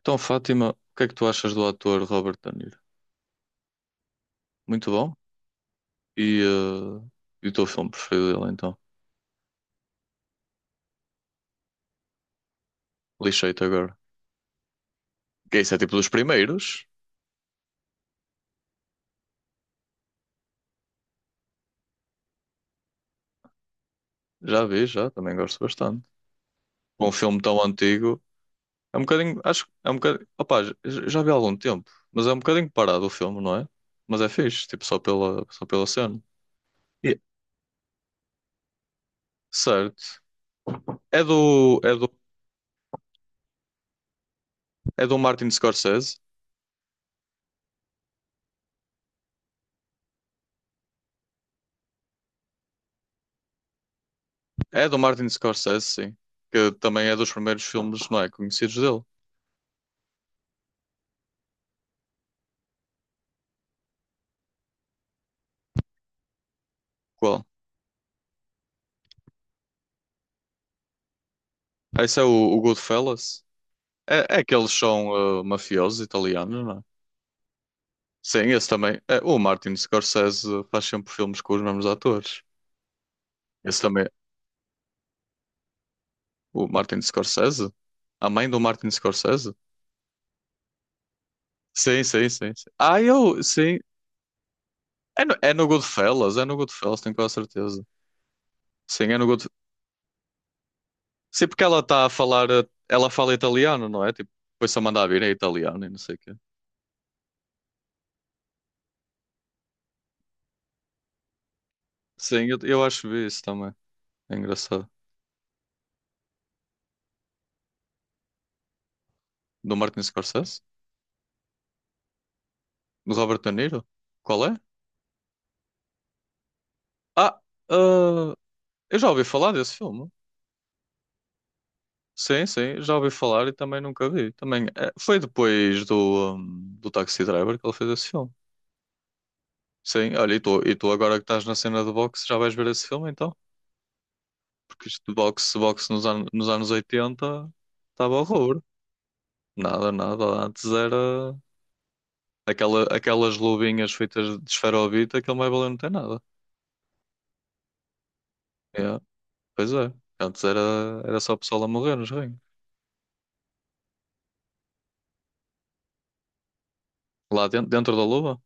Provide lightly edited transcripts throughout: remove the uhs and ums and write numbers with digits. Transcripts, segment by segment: Então, Fátima, o que é que tu achas do ator Robert De Niro? Muito bom. E, e o teu filme preferido dele, então? Lixei-te agora. Que isso é tipo dos primeiros? Já vi, já. Também gosto bastante. Um filme tão antigo. É um bocadinho. Acho que é um bocadinho. Opá, já vi há algum tempo. Mas é um bocadinho parado o filme, não é? Mas é fixe, tipo, só pela cena. E- Certo. É do, é do, é do Martin Scorsese? É do Martin Scorsese, sim. Que também é dos primeiros filmes, não é? Conhecidos dele. Qual? Ah, esse é o Goodfellas? É, é que eles são mafiosos italianos, não é? Sim, esse também. É, o Martin Scorsese faz sempre filmes com os mesmos atores. Esse também. O Martin Scorsese? A mãe do Martin Scorsese? Sim, sim, sim, sim. Ah, eu. Sim. É no Goodfellas, tenho quase certeza. Sim, é no Goodfellas. Sim, porque ela está a falar. Ela fala italiano, não é? Tipo, depois só manda a mandar vir é italiano e não sei o quê. Sim, eu acho que vi isso também. É engraçado. Do Martin Scorsese? Do Robert De Niro? Qual é? Ah, ah, eu já ouvi falar desse filme. Sim, sim, já ouvi falar e também nunca vi. Também foi depois do, do Taxi Driver que ele fez esse filme. Sim, olha, e tu agora que estás na cena do boxe já vais ver esse filme então? Porque isto de boxe, boxe nos anos 80 estava horror. Nada, nada. Antes era aquelas luvinhas feitas de esferovite, aquele mais valeu não tem nada. É, pois é. Antes era, era só o pessoal a morrer nos ringues. Lá dentro, dentro da luva?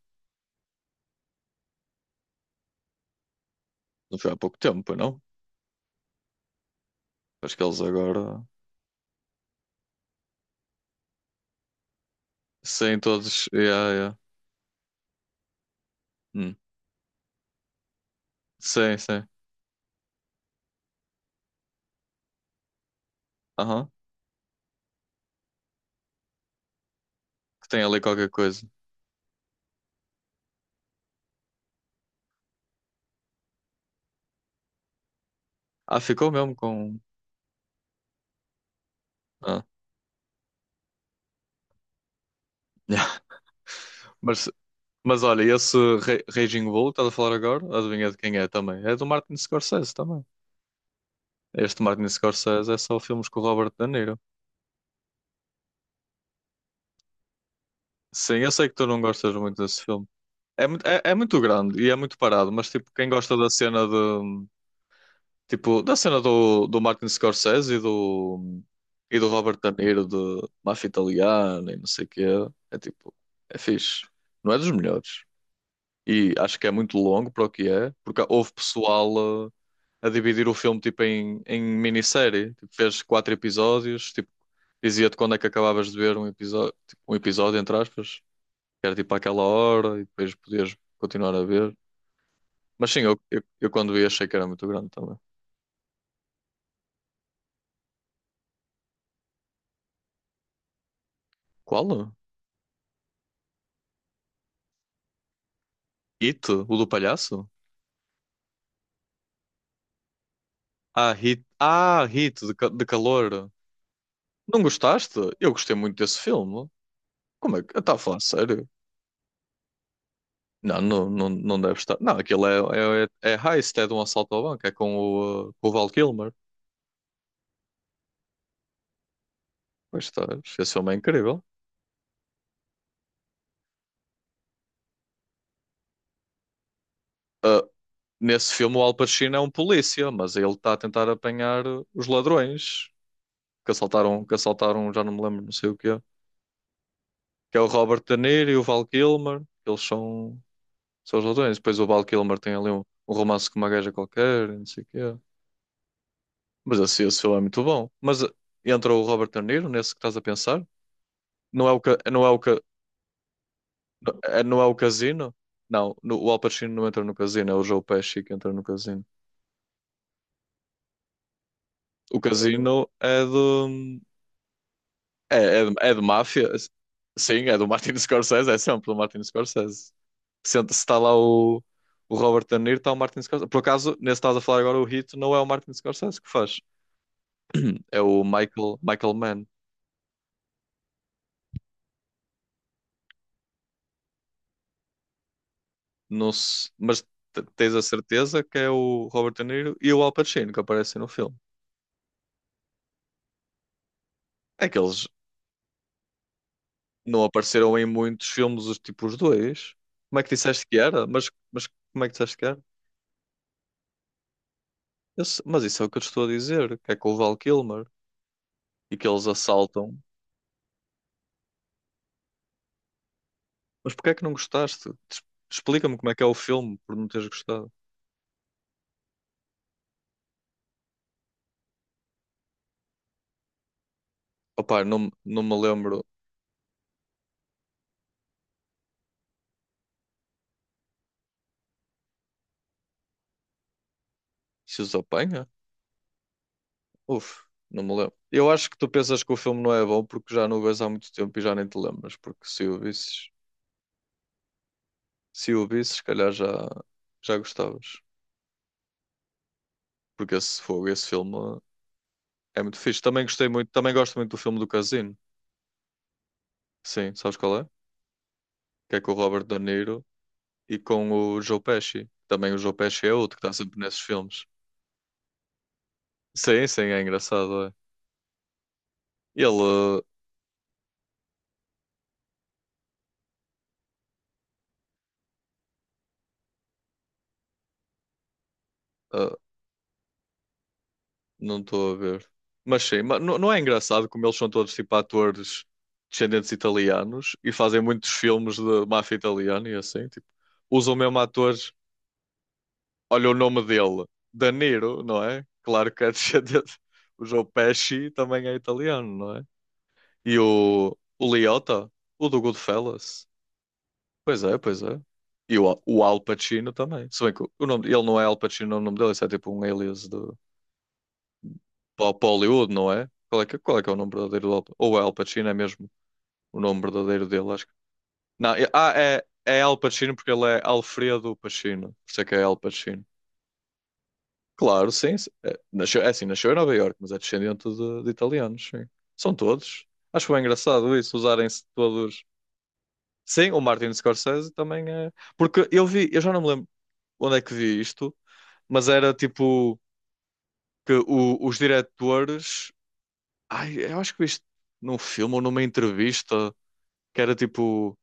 Foi há pouco tempo, não? Acho que eles agora. Sim, todos. Yeah, yeah. Hum. Sim, sim. Aham. Que tem ali qualquer coisa. Ah, ficou mesmo com. Ah. Mas, mas olha, esse Raging Bull que estás a falar agora, adivinha de quem é também? É do Martin Scorsese também. Este Martin Scorsese é só filmes com o Robert De Niro. Sim, eu sei que tu não gostas muito desse filme. É muito, é muito grande e é muito parado, mas tipo, quem gosta da cena de, tipo, da cena do Martin Scorsese e do Robert De Niro de Máfia Italiana e não sei o quê. É tipo, é fixe. Não é dos melhores. E acho que é muito longo para o que é, porque houve pessoal a, dividir o filme tipo em, em minissérie. Tipo, fez 4 episódios, tipo, dizia-te quando é que acabavas de ver um episódio, tipo, um episódio, entre aspas, que era tipo àquela hora e depois podias continuar a ver. Mas sim, eu quando vi achei que era muito grande também. Qual? Hito, o do palhaço? Ah, Hit, ah, de calor. Não gostaste? Eu gostei muito desse filme. Como é que. Está a falar sério? Não, não, não, não deve estar. Não, aquilo é, é heist, é de um assalto ao banco, é com com o Val Kilmer. Pois está, esse filme é incrível. Ah, nesse filme, o Al Pacino é um polícia, mas ele está a tentar apanhar os ladrões que assaltaram, já não me lembro, não sei o que é. Que é o Robert De Niro e o Val Kilmer. Eles são. São os ladrões. Depois o Val Kilmer tem ali um, um romance com uma gaja qualquer, e não sei o quê. Mas assim, esse filme é muito bom. Mas entra o Robert De Niro nesse que estás a pensar? Não é não é o Casino? Não, o Al Pacino não entra no Casino, é o Joe Pesci que entra no Casino. O Casino é do. É de máfia. Sim, é do Martin Scorsese, é sempre do Martin Scorsese. Se está lá o Robert De Niro, está o Martin Scorsese. Por acaso, nesse que estás a falar agora, o Hit não é o Martin Scorsese que faz. É o Michael, Michael Mann. Mas tens a certeza que é o Robert De Niro e o Al Pacino que aparecem no filme. É que eles não apareceram em muitos filmes, os tipos dois. Como é que disseste que era? Mas como é que disseste que era? Esse- mas isso é o que eu te estou a dizer, que é com o Val Kilmer e que eles assaltam. Mas porquê é que não gostaste? Explica-me como é que é o filme por não teres gostado. Opá, não, não me lembro se os apanha. Uf, não me lembro. Eu acho que tu pensas que o filme não é bom porque já não o vês há muito tempo e já nem te lembras. Porque se o visses, se o visses, se calhar já, já gostavas. Porque esse fogo, esse filme é muito fixe. Também gostei muito, também gosto muito do filme do Casino. Sim, sabes qual é? Que é com o Robert De Niro e com o Joe Pesci. Também o Joe Pesci é outro que está sempre nesses filmes. Sim, sim, é engraçado, é. Ele, uh, não estou a ver. Mas sim, mas não não é engraçado como eles são todos tipo atores descendentes italianos e fazem muitos filmes de máfia italiana e assim, tipo, usam mesmo atores. Olha o nome dele, De Niro, não é? Claro que é descendente. O Joe Pesci também é italiano, não é? E o Liotta, o do Goodfellas. Pois é, pois é. E o Al Pacino também. Se bem que o nome, ele não é Al Pacino, o nome dele, isso é tipo um alias de para Hollywood, não é? Qual é que é o nome verdadeiro do Al Pacino? Ou é Al Pacino, é mesmo o nome verdadeiro dele, acho que. Não, é Al Pacino porque ele é Alfredo Pacino, por isso é que é Al Pacino. Claro, sim, sim. É, nasceu, é assim, nasceu em Nova Iorque, mas é descendente de italianos, sim. São todos. Acho bem engraçado isso, usarem-se todos. Sim, o Martin Scorsese também é. Porque eu vi, eu já não me lembro onde é que vi isto, mas era tipo que o- os diretores. Ai, eu acho que vi isto num filme ou numa entrevista que era tipo,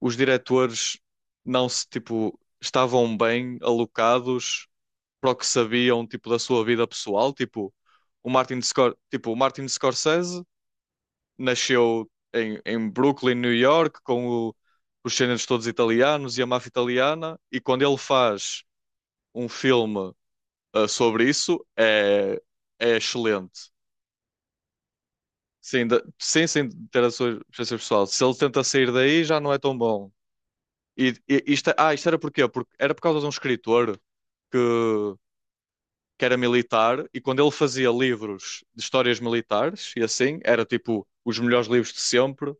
os diretores não se, tipo, estavam bem alocados para o que sabiam, tipo, da sua vida pessoal, tipo, o Martin Scorsese nasceu em, em Brooklyn, New York, com o- os géneros todos italianos e a máfia italiana, e quando ele faz um filme sobre isso, é, é excelente. Sim, sem, sem ter a sua preferência pessoal. Se ele tenta sair daí, já não é tão bom. E isto, isto era porquê? Porque era por causa de um escritor que, que era militar e quando ele fazia livros de histórias militares e assim, era tipo os melhores livros de sempre,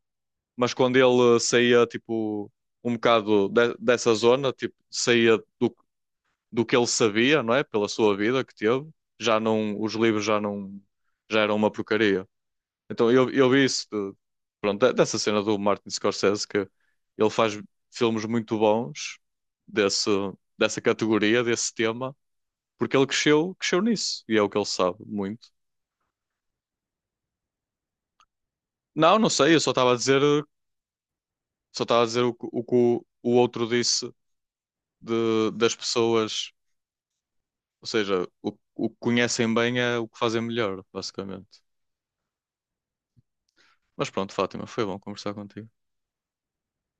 mas quando ele saía tipo um bocado dessa zona, tipo, saía do, do que ele sabia, não é? Pela sua vida que teve, já não, os livros já não, já eram uma porcaria. Então eu vi isso, pronto, dessa cena do Martin Scorsese, que ele faz filmes muito bons desse, dessa categoria, desse tema, porque ele cresceu, cresceu nisso, e é o que ele sabe muito. Não, não sei, eu só estava a dizer, só estava a dizer o, que o outro disse de, das pessoas, ou seja, o que conhecem bem é o que fazem melhor, basicamente. Mas pronto, Fátima, foi bom conversar contigo.